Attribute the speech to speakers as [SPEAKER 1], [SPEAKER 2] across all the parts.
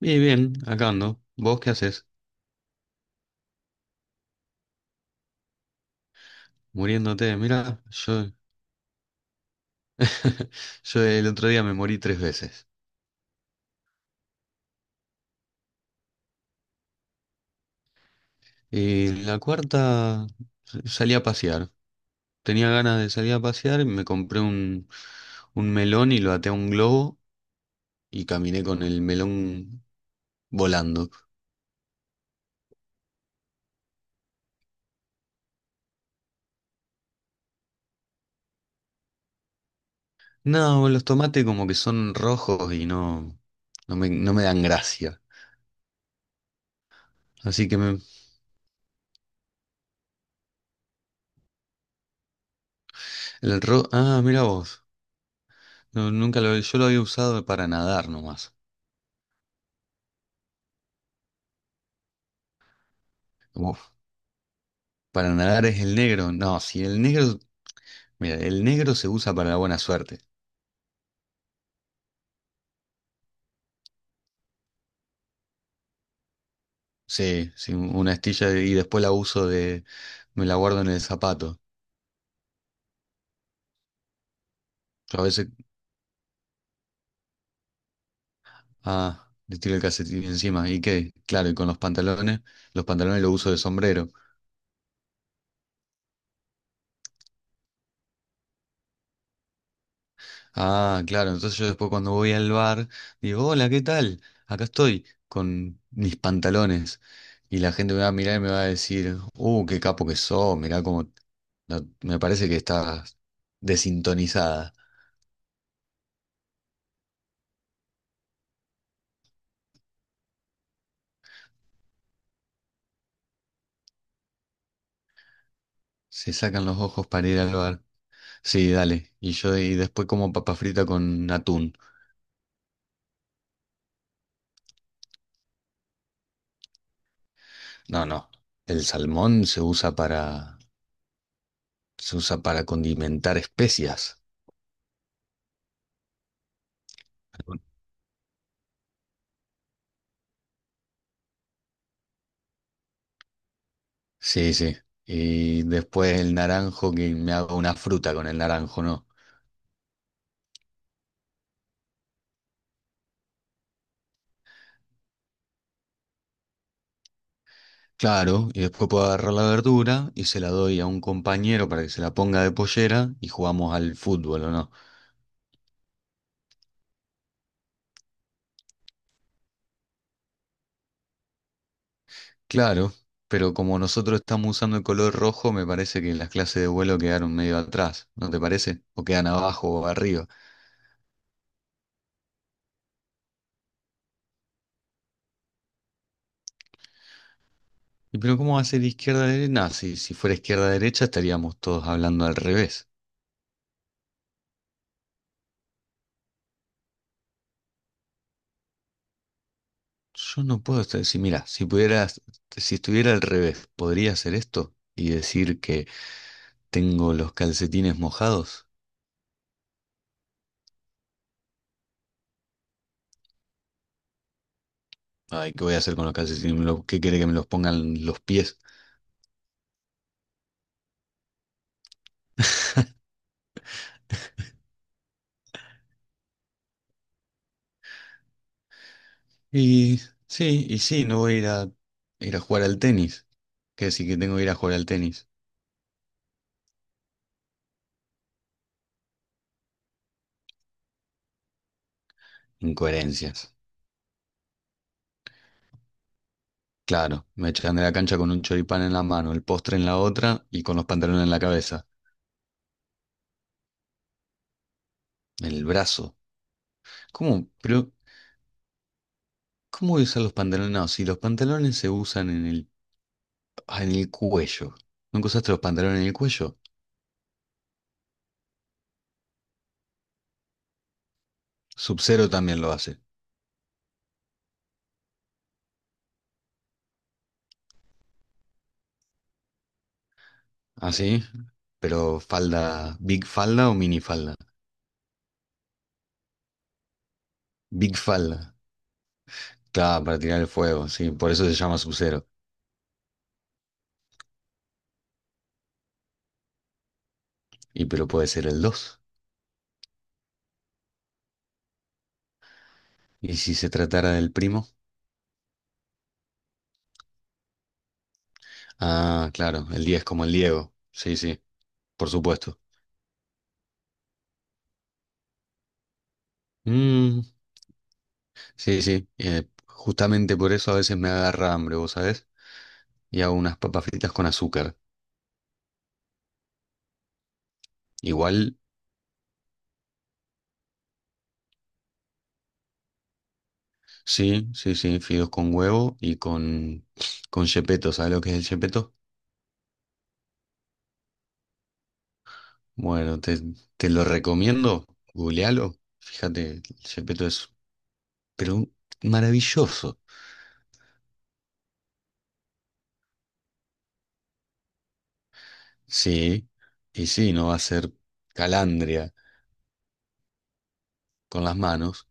[SPEAKER 1] Bien, bien, acá ando. ¿Vos qué haces? Muriéndote. Mira, yo el otro día me morí tres veces. Y la cuarta salí a pasear. Tenía ganas de salir a pasear, me compré un melón y lo até a un globo y caminé con el melón volando. No, los tomates como que son rojos y no, no me dan gracia. Así que el ah, mira vos. No, nunca lo, yo lo había usado para nadar nomás. Para nadar es el negro. No, si el negro, mira, el negro se usa para la buena suerte. Sí, sí, una astilla y después la uso me la guardo en el zapato. Yo a ah, le tiro el calcetín encima. ¿Y qué? Claro, y con los pantalones, los pantalones los uso de sombrero. Ah, claro, entonces yo después cuando voy al bar, digo, hola, ¿qué tal? Acá estoy con mis pantalones. Y la gente me va a mirar y me va a decir, qué capo que sos, mirá cómo, no, me parece que estás desintonizada. Se sacan los ojos para ir al bar. Sí, dale. Y yo y después como papa frita con atún. No, no. El salmón se usa para condimentar especias. Sí, sí. Y después el naranjo que me hago una fruta con el naranjo, ¿no? Claro, y después puedo agarrar la verdura y se la doy a un compañero para que se la ponga de pollera y jugamos al fútbol, ¿o no? Claro, pero como nosotros estamos usando el color rojo, me parece que las clases de vuelo quedaron medio atrás, ¿no te parece? O quedan abajo o arriba. ¿Y pero cómo va a ser izquierda-derecha? Nah, si fuera izquierda-derecha estaríamos todos hablando al revés. Yo no puedo estar, si mira, si pudieras, si estuviera al revés, ¿podría hacer esto y decir que tengo los calcetines mojados? Ay, ¿qué voy a hacer con los calcetines? ¿Qué quiere que me los pongan los pies? Y sí, y sí, no voy a ir a jugar al tenis. Que decir que tengo que ir a jugar al tenis. Incoherencias. Claro, me echan de la cancha con un choripán en la mano, el postre en la otra y con los pantalones en la cabeza. En el brazo. ¿Cómo? Pero, ¿cómo voy a usar los pantalones? No, si los pantalones se usan en ah, en el cuello. ¿Nunca usaste los pantalones en el cuello? Sub-Zero también lo hace. ¿Ah, sí? Pero falda, ¿big falda o mini falda? Big falda. Claro, para tirar el fuego, sí, por eso se llama sub. Y pero puede ser el dos. ¿Y si se tratara del primo? Ah, claro, el 10 como el Diego. Sí, sí, por supuesto. Mm, sí, sí. Justamente por eso a veces me agarra hambre, ¿vos sabés? Y hago unas papas fritas con azúcar. Igual, sí, sí, sí, fideos con huevo con chepeto. ¿Sabés lo que es el chepeto? Bueno, te lo recomiendo. Googlealo. Fíjate, pero maravilloso. Sí, y sí, no va a ser calandria. Con las manos,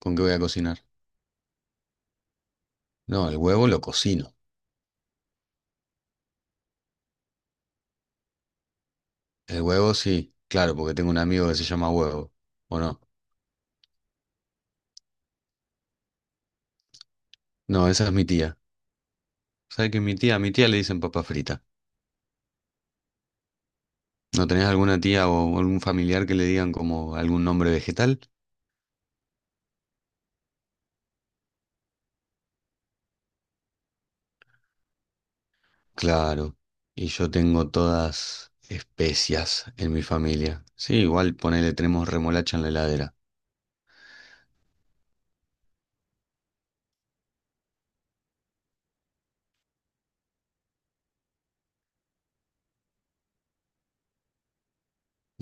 [SPEAKER 1] ¿con qué voy a cocinar? No, el huevo lo cocino. El huevo sí, claro, porque tengo un amigo que se llama huevo. ¿O no? No, esa es mi tía. ¿Sabes qué? A mi tía le dicen papa frita. ¿No tenés alguna tía o algún familiar que le digan como algún nombre vegetal? Claro. Y yo tengo todas especias en mi familia. Sí, igual ponele, tenemos remolacha en la heladera.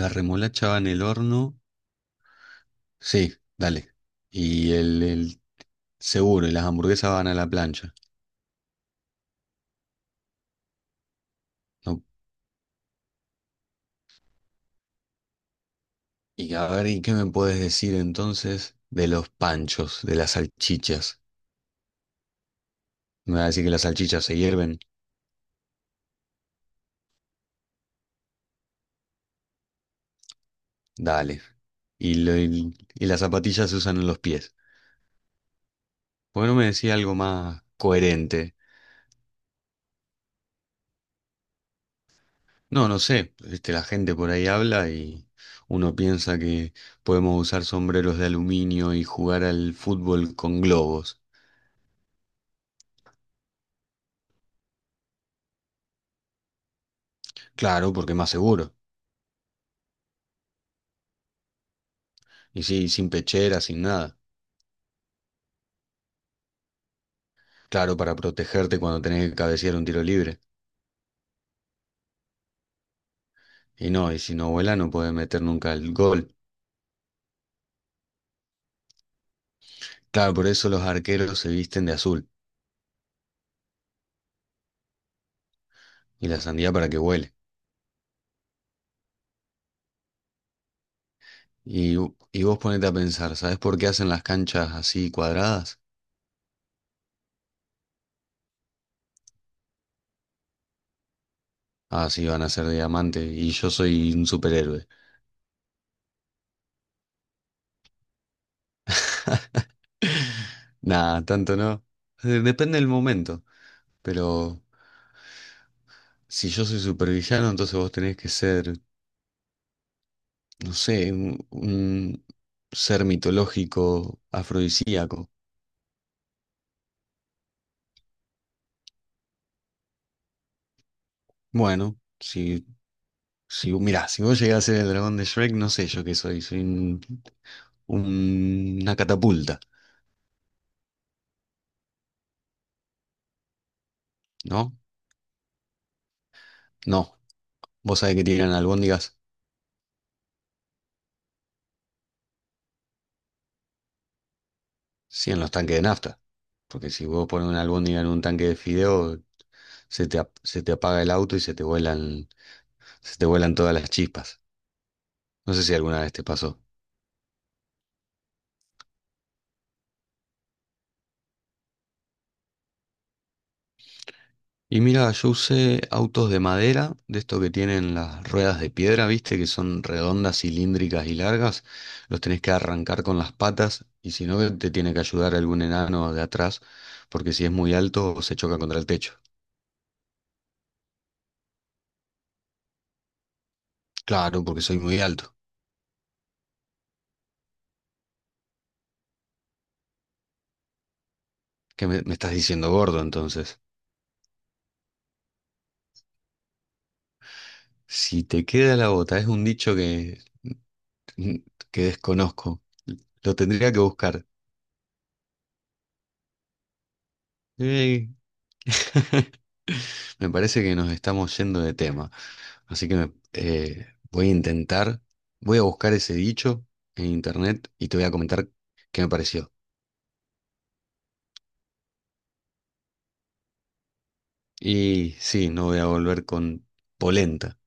[SPEAKER 1] La remolacha va en el horno. Sí, dale. Y el seguro, y las hamburguesas van a la plancha. No. Y a ver, ¿y qué me puedes decir entonces de los panchos, de las salchichas? ¿Me vas a decir que las salchichas se hierven? Dale. Y las zapatillas se usan en los pies. ¿Por qué no me decía algo más coherente? No, no sé. Este, la gente por ahí habla y uno piensa que podemos usar sombreros de aluminio y jugar al fútbol con globos. Claro, porque es más seguro. Y sí, sin pechera, sin nada. Claro, para protegerte cuando tenés que cabecear un tiro libre. Y no, y si no vuela no puede meter nunca el gol. Claro, por eso los arqueros se visten de azul y la sandía para que vuele. Y, y vos ponete a pensar, ¿sabés por qué hacen las canchas así cuadradas? Ah, sí, van a ser de diamante y yo soy un superhéroe. Nada, tanto no. Depende del momento. Pero si yo soy supervillano, entonces vos tenés que ser, no sé, un ser mitológico, afrodisíaco. Bueno, si si vos- mirá, si vos llegás a ser el dragón de Shrek, no sé yo qué soy. Soy una catapulta, ¿no? No. Vos sabés que tiran albóndigas, sí, en los tanques de nafta. Porque si vos pones una albóndiga en un tanque de fideo, se te apaga el auto y se te vuelan todas las chispas. No sé si alguna vez te pasó. Y mira, yo usé autos de madera, de estos que tienen las ruedas de piedra, viste, que son redondas, cilíndricas y largas. Los tenés que arrancar con las patas y si no, te tiene que ayudar algún enano de atrás, porque si es muy alto se choca contra el techo. Claro, porque soy muy alto. Me estás diciendo gordo entonces? Si te queda la bota, es un dicho que desconozco. Lo tendría que buscar. Ey. Me parece que nos estamos yendo de tema. Así que voy a voy a buscar ese dicho en internet y te voy a comentar qué me pareció. Y sí, no voy a volver con polenta.